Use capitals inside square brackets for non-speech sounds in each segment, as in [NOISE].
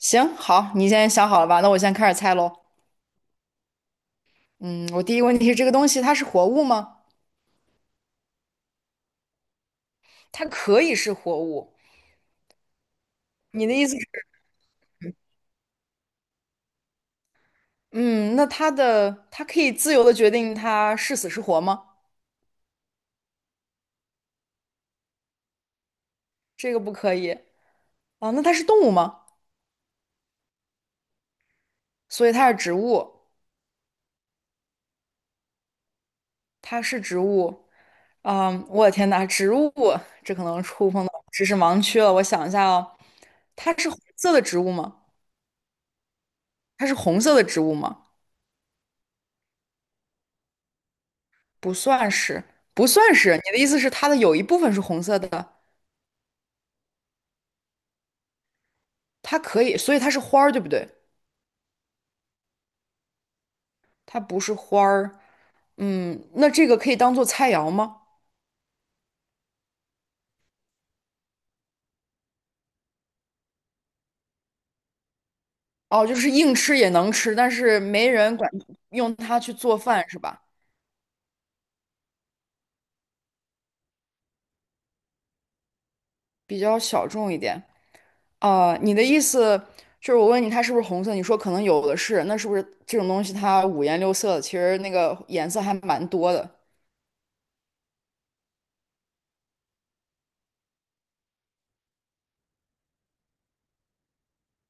行，好，你现在想好了吧？那我先开始猜喽。嗯，我第一个问题是这个东西它是活物吗？它可以是活物。你的意思是，嗯，那它可以自由的决定它是死是活吗？这个不可以啊。那它是动物吗？所以它是植物，它是植物。啊，我的天呐，植物，这可能触碰到知识盲区了。我想一下哦，它是红色的植物吗？它是红色的植物吗？不算是，不算是。你的意思是有一部分是红色的，它可以，所以它是花儿，对不对？它不是花儿。嗯，那这个可以当做菜肴吗？哦，就是硬吃也能吃，但是没人管用它去做饭是吧？比较小众一点。啊、你的意思就是我问你它是不是红色，你说可能有的是，那是不是这种东西它五颜六色的？其实那个颜色还蛮多的。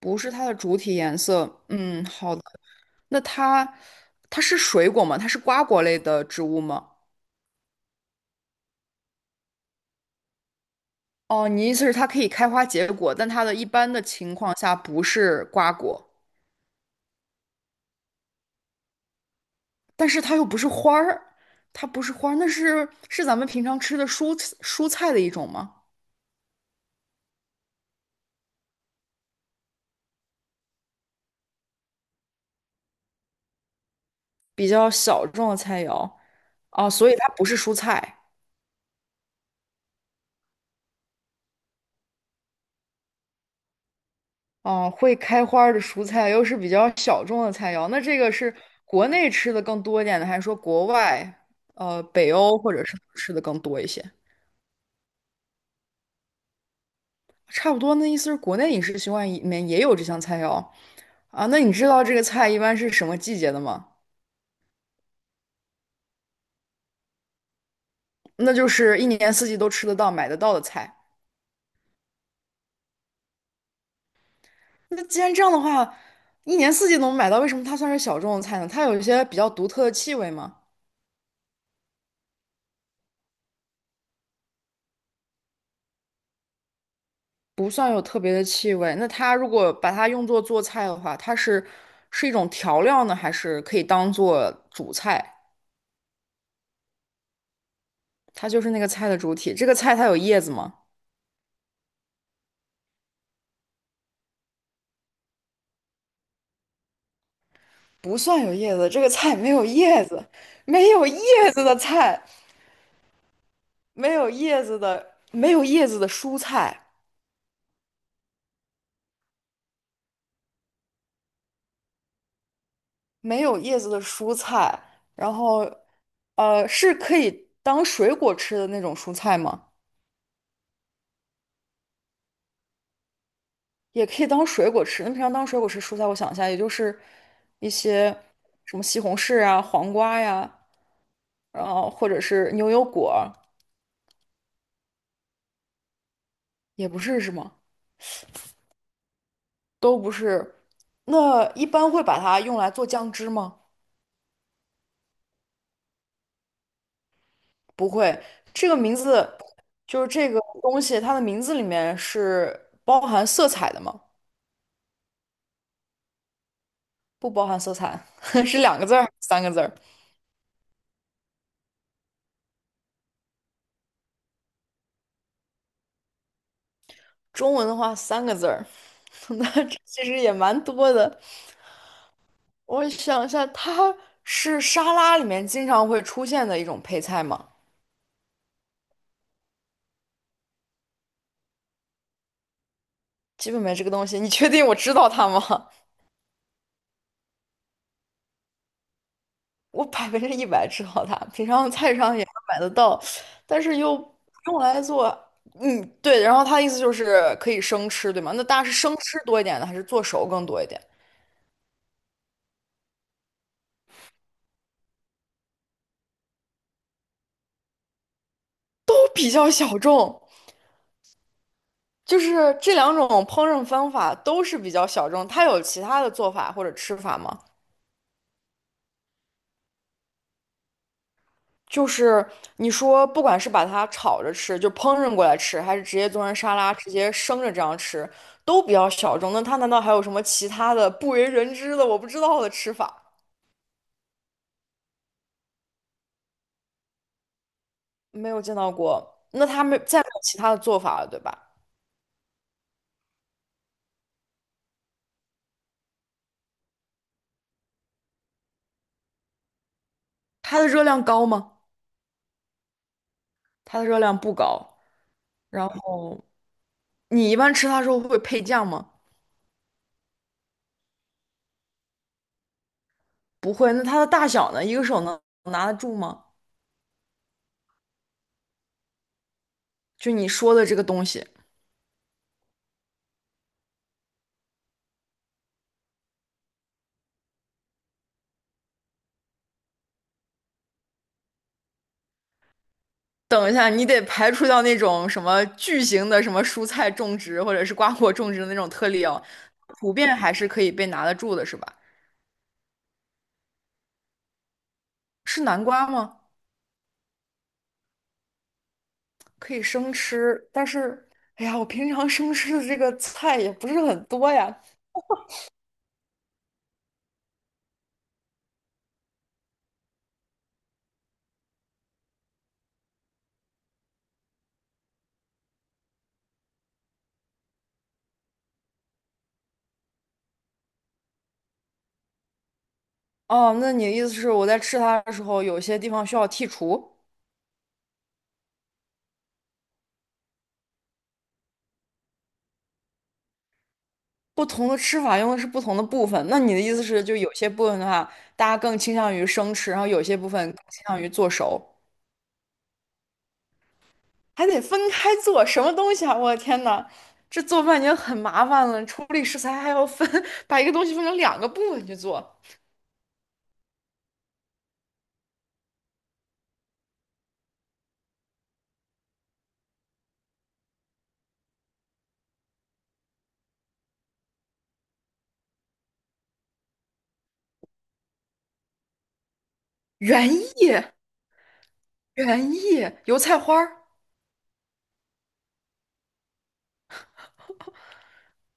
不是它的主体颜色。嗯，好的。那它它是水果吗？它是瓜果类的植物吗？哦，你意思是它可以开花结果，但它的一般的情况下不是瓜果，但是它又不是花儿，它不是花儿，那是咱们平常吃的蔬菜的一种吗？比较小众的菜肴啊，所以它不是蔬菜。哦，会开花儿的蔬菜又是比较小众的菜肴，那这个是国内吃的更多一点的，还是说国外，北欧或者是吃的更多一些？差不多，那意思是国内饮食习惯里面也有这项菜肴啊。那你知道这个菜一般是什么季节的吗？那就是一年四季都吃得到、买得到的菜。那既然这样的话，一年四季都能买到，为什么它算是小众的菜呢？它有一些比较独特的气味吗？不算有特别的气味。那它如果把它用作做菜的话，它是一种调料呢，还是可以当做主菜？它就是那个菜的主体。这个菜它有叶子吗？不算有叶子，这个菜没有叶子，没有叶子的菜，没有叶子的，没有叶子的蔬菜，没有叶子的蔬菜，然后，是可以当水果吃的那种蔬菜吗？也可以当水果吃。那平常当水果吃蔬菜，我想一下，也就是一些什么西红柿啊、黄瓜呀，然后或者是牛油果儿也不是是吗？都不是。那一般会把它用来做酱汁吗？不会。这个名字就是这个东西，它的名字里面是包含色彩的吗？不包含色彩，[LAUGHS] 是两个字儿，三个字儿。中文的话，三个字儿，[LAUGHS] 那这其实也蛮多的。我想一下，它是沙拉里面经常会出现的一种配菜吗？基本没这个东西，你确定我知道它吗？[LAUGHS] 我百分之一百知道它，平常菜市场也能买得到，但是又用来做，嗯，对。然后它的意思就是可以生吃，对吗？那大家是生吃多一点呢，还是做熟更多一点？都比较小众，就是这两种烹饪方法都是比较小众。它有其他的做法或者吃法吗？就是你说，不管是把它炒着吃，就烹饪过来吃，还是直接做成沙拉，直接生着这样吃，都比较小众。那它难道还有什么其他的不为人知的、我不知道的吃法？没有见到过。那它没有其他的做法了，对吧？它的热量高吗？它的热量不高。然后你一般吃它的时候会配酱吗？不会。那它的大小呢？一个手能拿得住吗？就你说的这个东西。等一下，你得排除掉那种什么巨型的什么蔬菜种植或者是瓜果种植的那种特例哦，普遍还是可以被拿得住的，是吧？是南瓜吗？可以生吃，但是，哎呀，我平常生吃的这个菜也不是很多呀。哦，那你的意思是我在吃它的时候，有些地方需要剔除，不同的吃法用的是不同的部分。那你的意思是，就有些部分的话，大家更倾向于生吃，然后有些部分更倾向于做熟。还得分开做，什么东西啊！我的天呐，这做饭已经很麻烦了，处理食材还要分，[LAUGHS] 把一个东西分成两个部分去做。原叶，原叶，油菜花儿，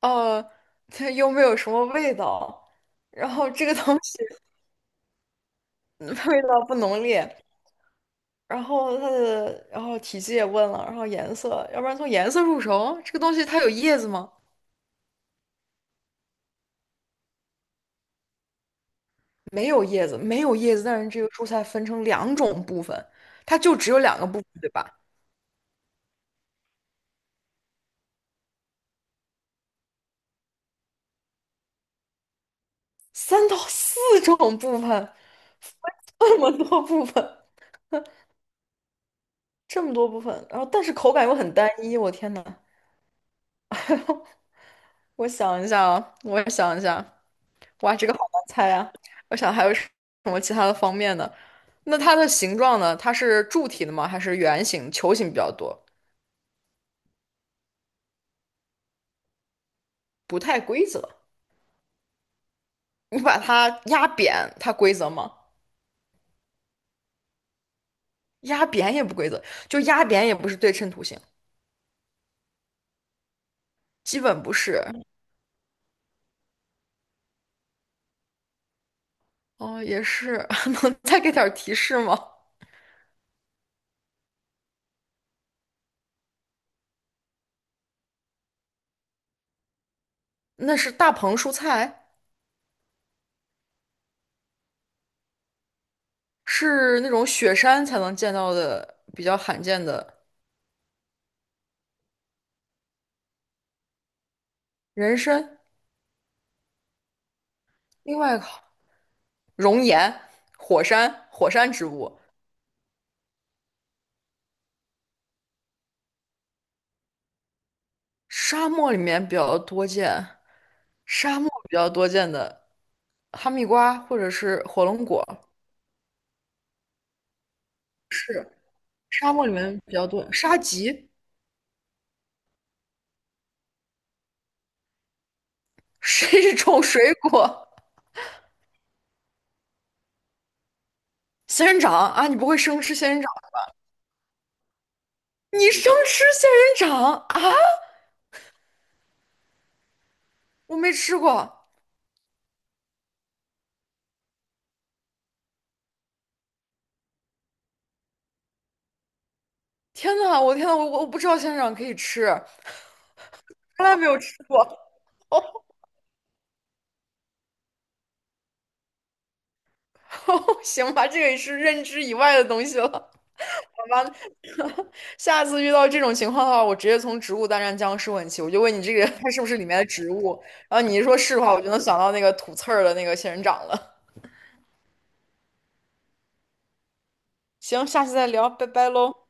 呃，它又没有什么味道，然后这个东西 [LAUGHS] 味道不浓烈，然后它的，然后体积也问了，然后颜色，要不然从颜色入手，这个东西它有叶子吗？没有叶子，没有叶子，但是这个蔬菜分成两种部分，它就只有两个部分，对吧？三到四种部分，分这么多部分，这么多部分，然后但是口感又很单一，我天呐，[LAUGHS] 我想一下啊，我想一下，哇，这个好难猜啊！我想还有什么其他的方面呢？那它的形状呢？它是柱体的吗？还是圆形、球形比较多？不太规则。你把它压扁，它规则吗？压扁也不规则，就压扁也不是对称图形，基本不是。哦，也是，[LAUGHS] 能再给点儿提示吗？那是大棚蔬菜，是那种雪山才能见到的比较罕见的人参。另外一个熔岩、火山、火山植物，沙漠里面比较多见，沙漠比较多见的哈密瓜或者是火龙果，是沙漠里面比较多。沙棘是一种水果，仙人掌啊，你不会生吃仙人掌？你生吃仙人掌啊？我没吃过。天呐，我天呐，我不知道仙人掌可以吃。从来没有吃过，哦，[LAUGHS] 行吧，这个也是认知以外的东西了。好吧？[LAUGHS] 下次遇到这种情况的话，我直接从植物大战僵尸问起，我就问你这个它是不是里面的植物，然后你一说是的话，我就能想到那个吐刺儿的那个仙人掌了。行，下次再聊，拜拜喽。